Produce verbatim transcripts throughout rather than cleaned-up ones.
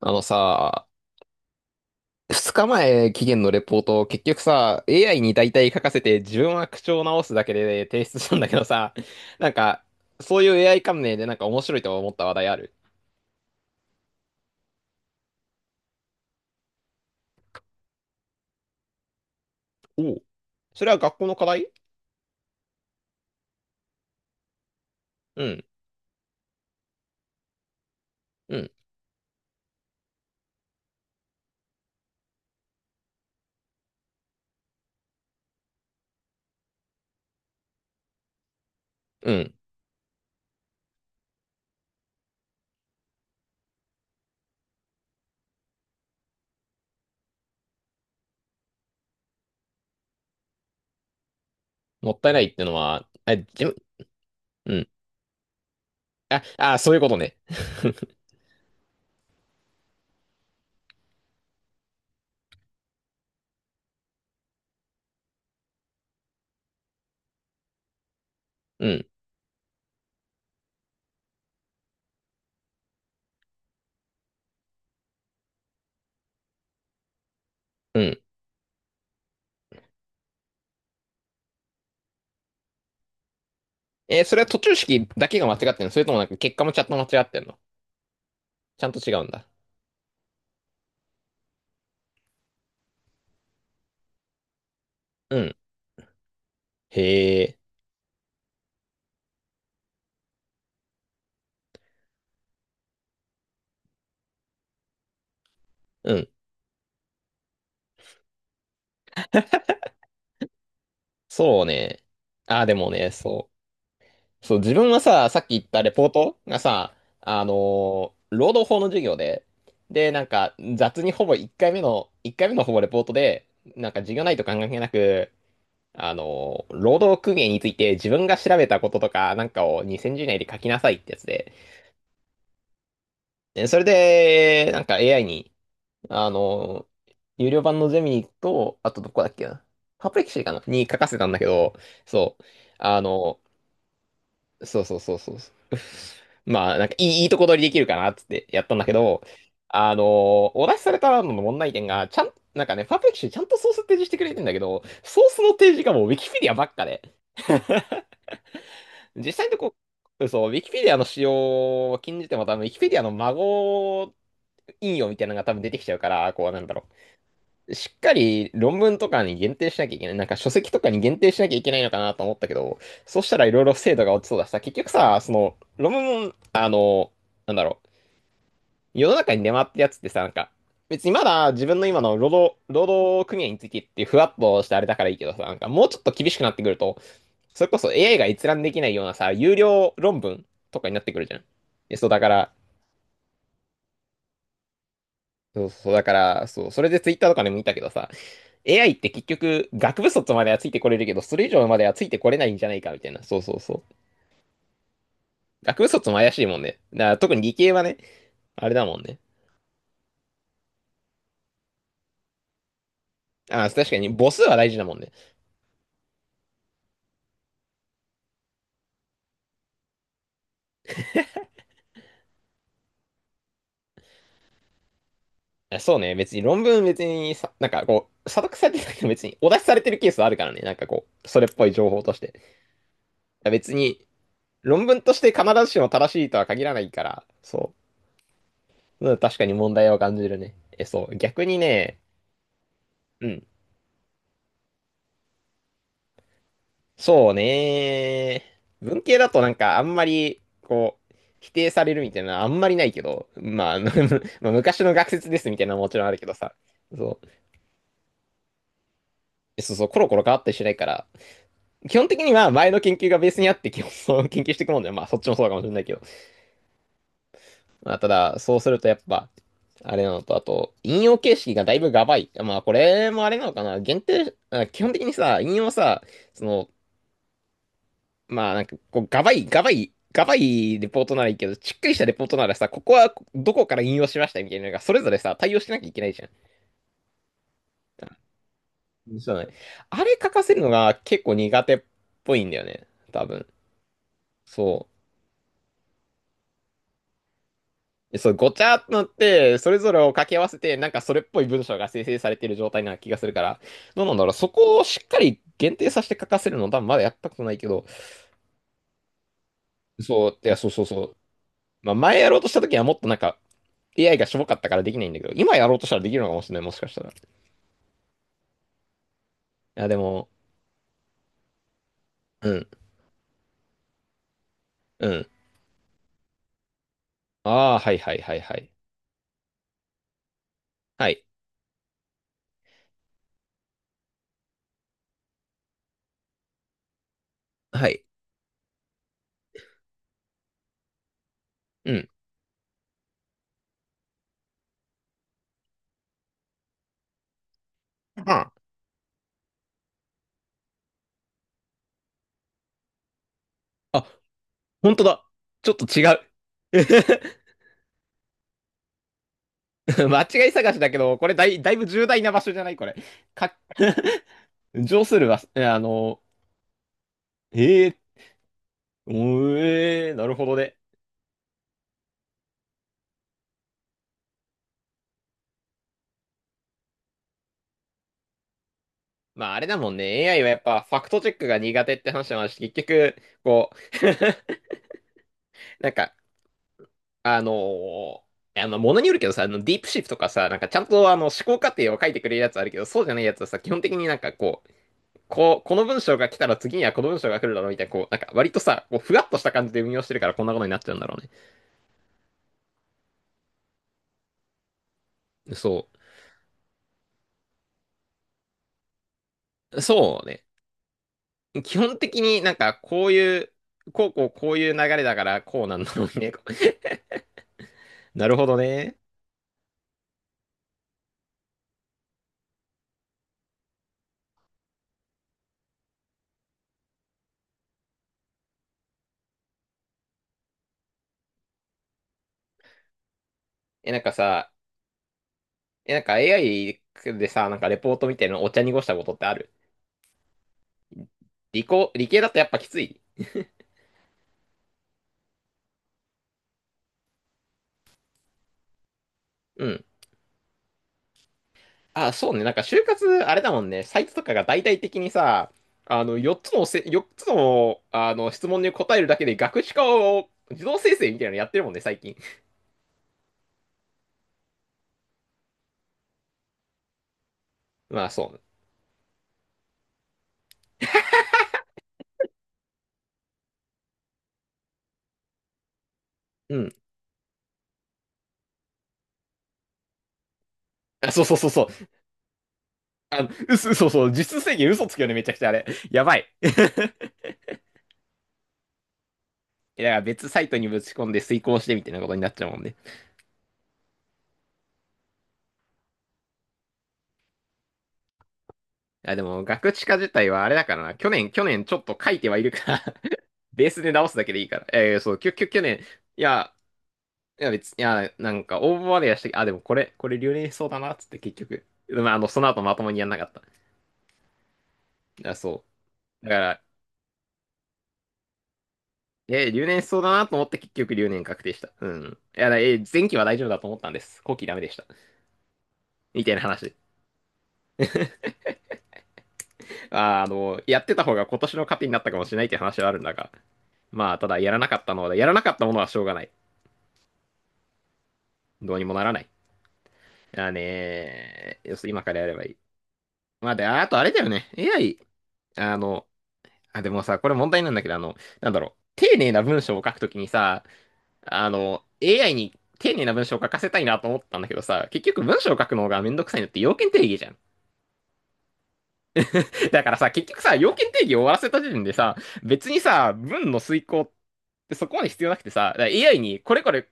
あのさ、二日前期限のレポート結局さ、エーアイ に大体書かせて自分は口調を直すだけで提出したんだけどさ、なんか、そういう エーアイ 関連でなんか面白いと思った話題ある？おう。それは学校の課題？うん。うん。うん。もったいないってのは、あ、じゅ、うん。あ、あ、そういうことね。うん。うん。えーそれは途中式だけが間違ってんの？それともなんか結果もちゃんと間違ってんの？ちゃんと違うんだ。うん。へえ。うん。そうね。あ、でもね、そう。そう、自分はさ、さっき言ったレポートがさ、あのー労働法の授業で、で、なんか、雑にほぼ1回目の、いっかいめのほぼレポートで、なんか授業内と関係なく、あのー労働組合について自分が調べたこととか、なんかをにせん字以内で書きなさいってやつで、でそれで、なんか エーアイ に、あのー有料版のゼミと、あとどこだっけな、パプレキシーかなに書かせたんだけど、そう、あのそうそうそうそうそう。まあ、なんかいい、いいとこ取りできるかなっつってやったんだけど、あのーお出しされたのの問題点が、ちゃん、なんかね、パーフェクションちゃんとソース提示してくれてんだけど、ソースの提示がもうウィキペディアばっかで、実際のとこ、そう、ウィキペディアの使用を禁じても多分、ウィキペディアの孫引用みたいなのが多分出てきちゃうから、こうなんだろう。しっかり論文とかに限定しなきゃいけない。なんか書籍とかに限定しなきゃいけないのかなと思ったけど、そうしたらいろいろ精度が落ちそうだしさ、結局さ、その論文も、あの、なんだろう、世の中に出回ってるやつってさ、なんか、別にまだ自分の今の労働、労働組合についてってふわっとしてあれだからいいけどさ、なんかもうちょっと厳しくなってくると、それこそ エーアイ が閲覧できないようなさ、有料論文とかになってくるじゃん。でそうだから、そうそう、だから、そう、それでツイッターとかでも見たけどさ、エーアイ って結局、学部卒まではついてこれるけど、それ以上まではついてこれないんじゃないか、みたいな。そうそうそう。学部卒も怪しいもんね。だから特に理系はね、あれだもんね。あ、確かに母数は大事だもんね。あそうね、別に論文別にさ、なんかこう、査読されてたけど別にお出しされてるケースはあるからね。なんかこう、それっぽい情報として。別に、論文として必ずしも正しいとは限らないから、そう。うん、確かに問題を感じるね。え、そう。逆にね、うん。そうね。文系だとなんかあんまり、こう、否定されるみたいなのはあんまりないけど、まあ、あの まあ昔の学説ですみたいなのももちろんあるけどさ。そう。そうそう、コロコロ変わったりしないから、基本的には前の研究がベースにあって基本そう研究していくもんだよ。まあ、そっちもそうかもしれないけど。まあ、ただ、そうするとやっぱ、あれなのと、あと、引用形式がだいぶガバい。まあ、これもあれなのかな。限定、あ基本的にさ、引用さ、その、まあなんかこうガバいガバいガバいレポートならいいけど、しっかりしたレポートならさ、ここはどこから引用しましたみたいなのがそれぞれさ対応しなきゃいけないじゃん。そうだね。あれ書かせるのが結構苦手っぽいんだよね多分。そう。そうごちゃっとなってそれぞれを掛け合わせてなんかそれっぽい文章が生成されている状態な気がするから、どうなんだろう、そこをしっかり限定させて書かせるの多分まだやったことないけど、そういやそうそうそう。まあ前やろうとした時はもっとなんか エーアイ がしょぼかったからできないんだけど、今やろうとしたらできるのかもしれない、もしかしたら。いや、でも、うん。うん。ああ、はいはいはいはい。はい。はい。うん。ああ、あ、本当だ。ちょっと違う。間違い探しだけど、これだい、だいぶ重大な場所じゃないこれ。か、上するは、えあの、ええ、おえーなるほどね。まああれだもんね。エーアイ はやっぱファクトチェックが苦手って話もあるし、結局、こう、なんか、あのーあの、ものによるけどさ、あの、ディープシフトとかさ、なんかちゃんとあの、思考過程を書いてくれるやつあるけど、そうじゃないやつはさ、基本的になんかこう、こう、この文章が来たら次にはこの文章が来るだろうみたいな、こう、なんか割とさ、こう、ふわっとした感じで運用してるからこんなことになっちゃうんだろうね。そう。そうね。基本的になんかこういう、こうこうこういう流れだからこうなんだろうね。なるほどね。え、なんかさ、え、なんか エーアイ でさ、なんかレポートみたいなのお茶濁したことってある？理工、理系だとやっぱきつい。うん。あ、そうね。なんか、就活、あれだもんね。サイトとかが大々的にさ、あの、4つのせ、よっつの、あの、質問に答えるだけで学士化を自動生成みたいなのやってるもんね、最近。まあ、そう。うん。あ、そうそうそうそう。嘘、そうそう。実質制限嘘つくよね、めちゃくちゃあれ。やばい。いや、だから別サイトにぶち込んで遂行してみたいなことになっちゃうもんね。あ、でも、学士化自体はあれだからな。去年、去年ちょっと書いてはいるから ベースで直すだけでいいから。えーそう、きょ、きょ、去年、いや、いや別に、いや、なんか応募までやして、あ、でもこれ、これ留年しそうだな、っつって結局。まあ、あの、その後まともにやんなかった。いや、そう。だから、え、留年しそうだなと思って結局留年確定した。うん。いや、だえ、前期は大丈夫だと思ったんです。後期ダメでした。みたいな話。あー、あの、やってた方が今年の糧になったかもしれないって話はあるんだが。まあ、ただ、やらなかったのは、やらなかったものはしょうがない。どうにもならない。あねー、要するに今からやればいい。まあ、で、あとあれだよね。エーアイ、あの、あ、でもさ、これ問題なんだけど、あの、なんだろう。丁寧な文章を書くときにさ、あの、エーアイ に丁寧な文章を書かせたいなと思ったんだけどさ、結局文章を書くのがめんどくさいのって要件定義じゃん。だからさ、結局さ、要件定義を終わらせた時点でさ、別にさ、文の遂行ってそこまで必要なくてさ、だから エーアイ にこれこれ、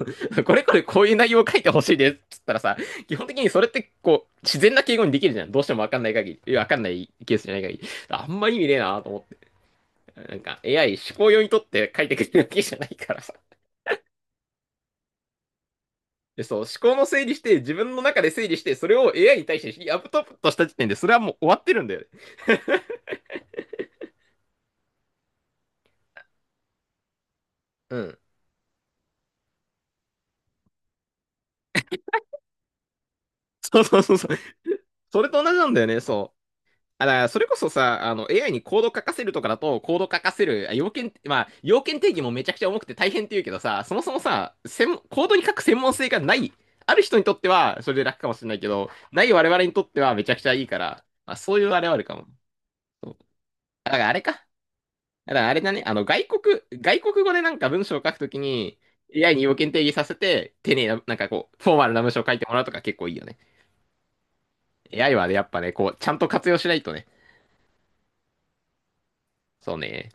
これこれこういう内容を書いてほしいですっつったらさ、基本的にそれってこう、自然な敬語にできるじゃん。どうしてもわかんない限り、いやわかんないケースじゃない限り。あんま意味ねえなと思って。なんか エーアイ 思考用にとって書いてくれるわけじゃないからさ。で、そう、思考の整理して、自分の中で整理して、それを エーアイ に対してアップトップとした時点で、それはもう終わってるんだよね。うん。そうそうそうそう。それと同じなんだよね、そう。あだからそれこそさ、あの、エーアイ にコード書かせるとかだと、コード書かせる、あ要件、まあ、要件定義もめちゃくちゃ重くて大変って言うけどさ、そもそもさ、専門コードに書く専門性がない、ある人にとっては、それで楽かもしれないけど、ない我々にとってはめちゃくちゃいいから、まあ、そういうあれはあるかも。そうだからあれか。だからあれだね、あの、外国、外国語でなんか文章を書くときに、エーアイ に要件定義させて、丁寧な、なんかこう、フォーマルな文章を書いてもらうとか結構いいよね。エーアイ はね、やっぱね、こう、ちゃんと活用しないとね。そうね。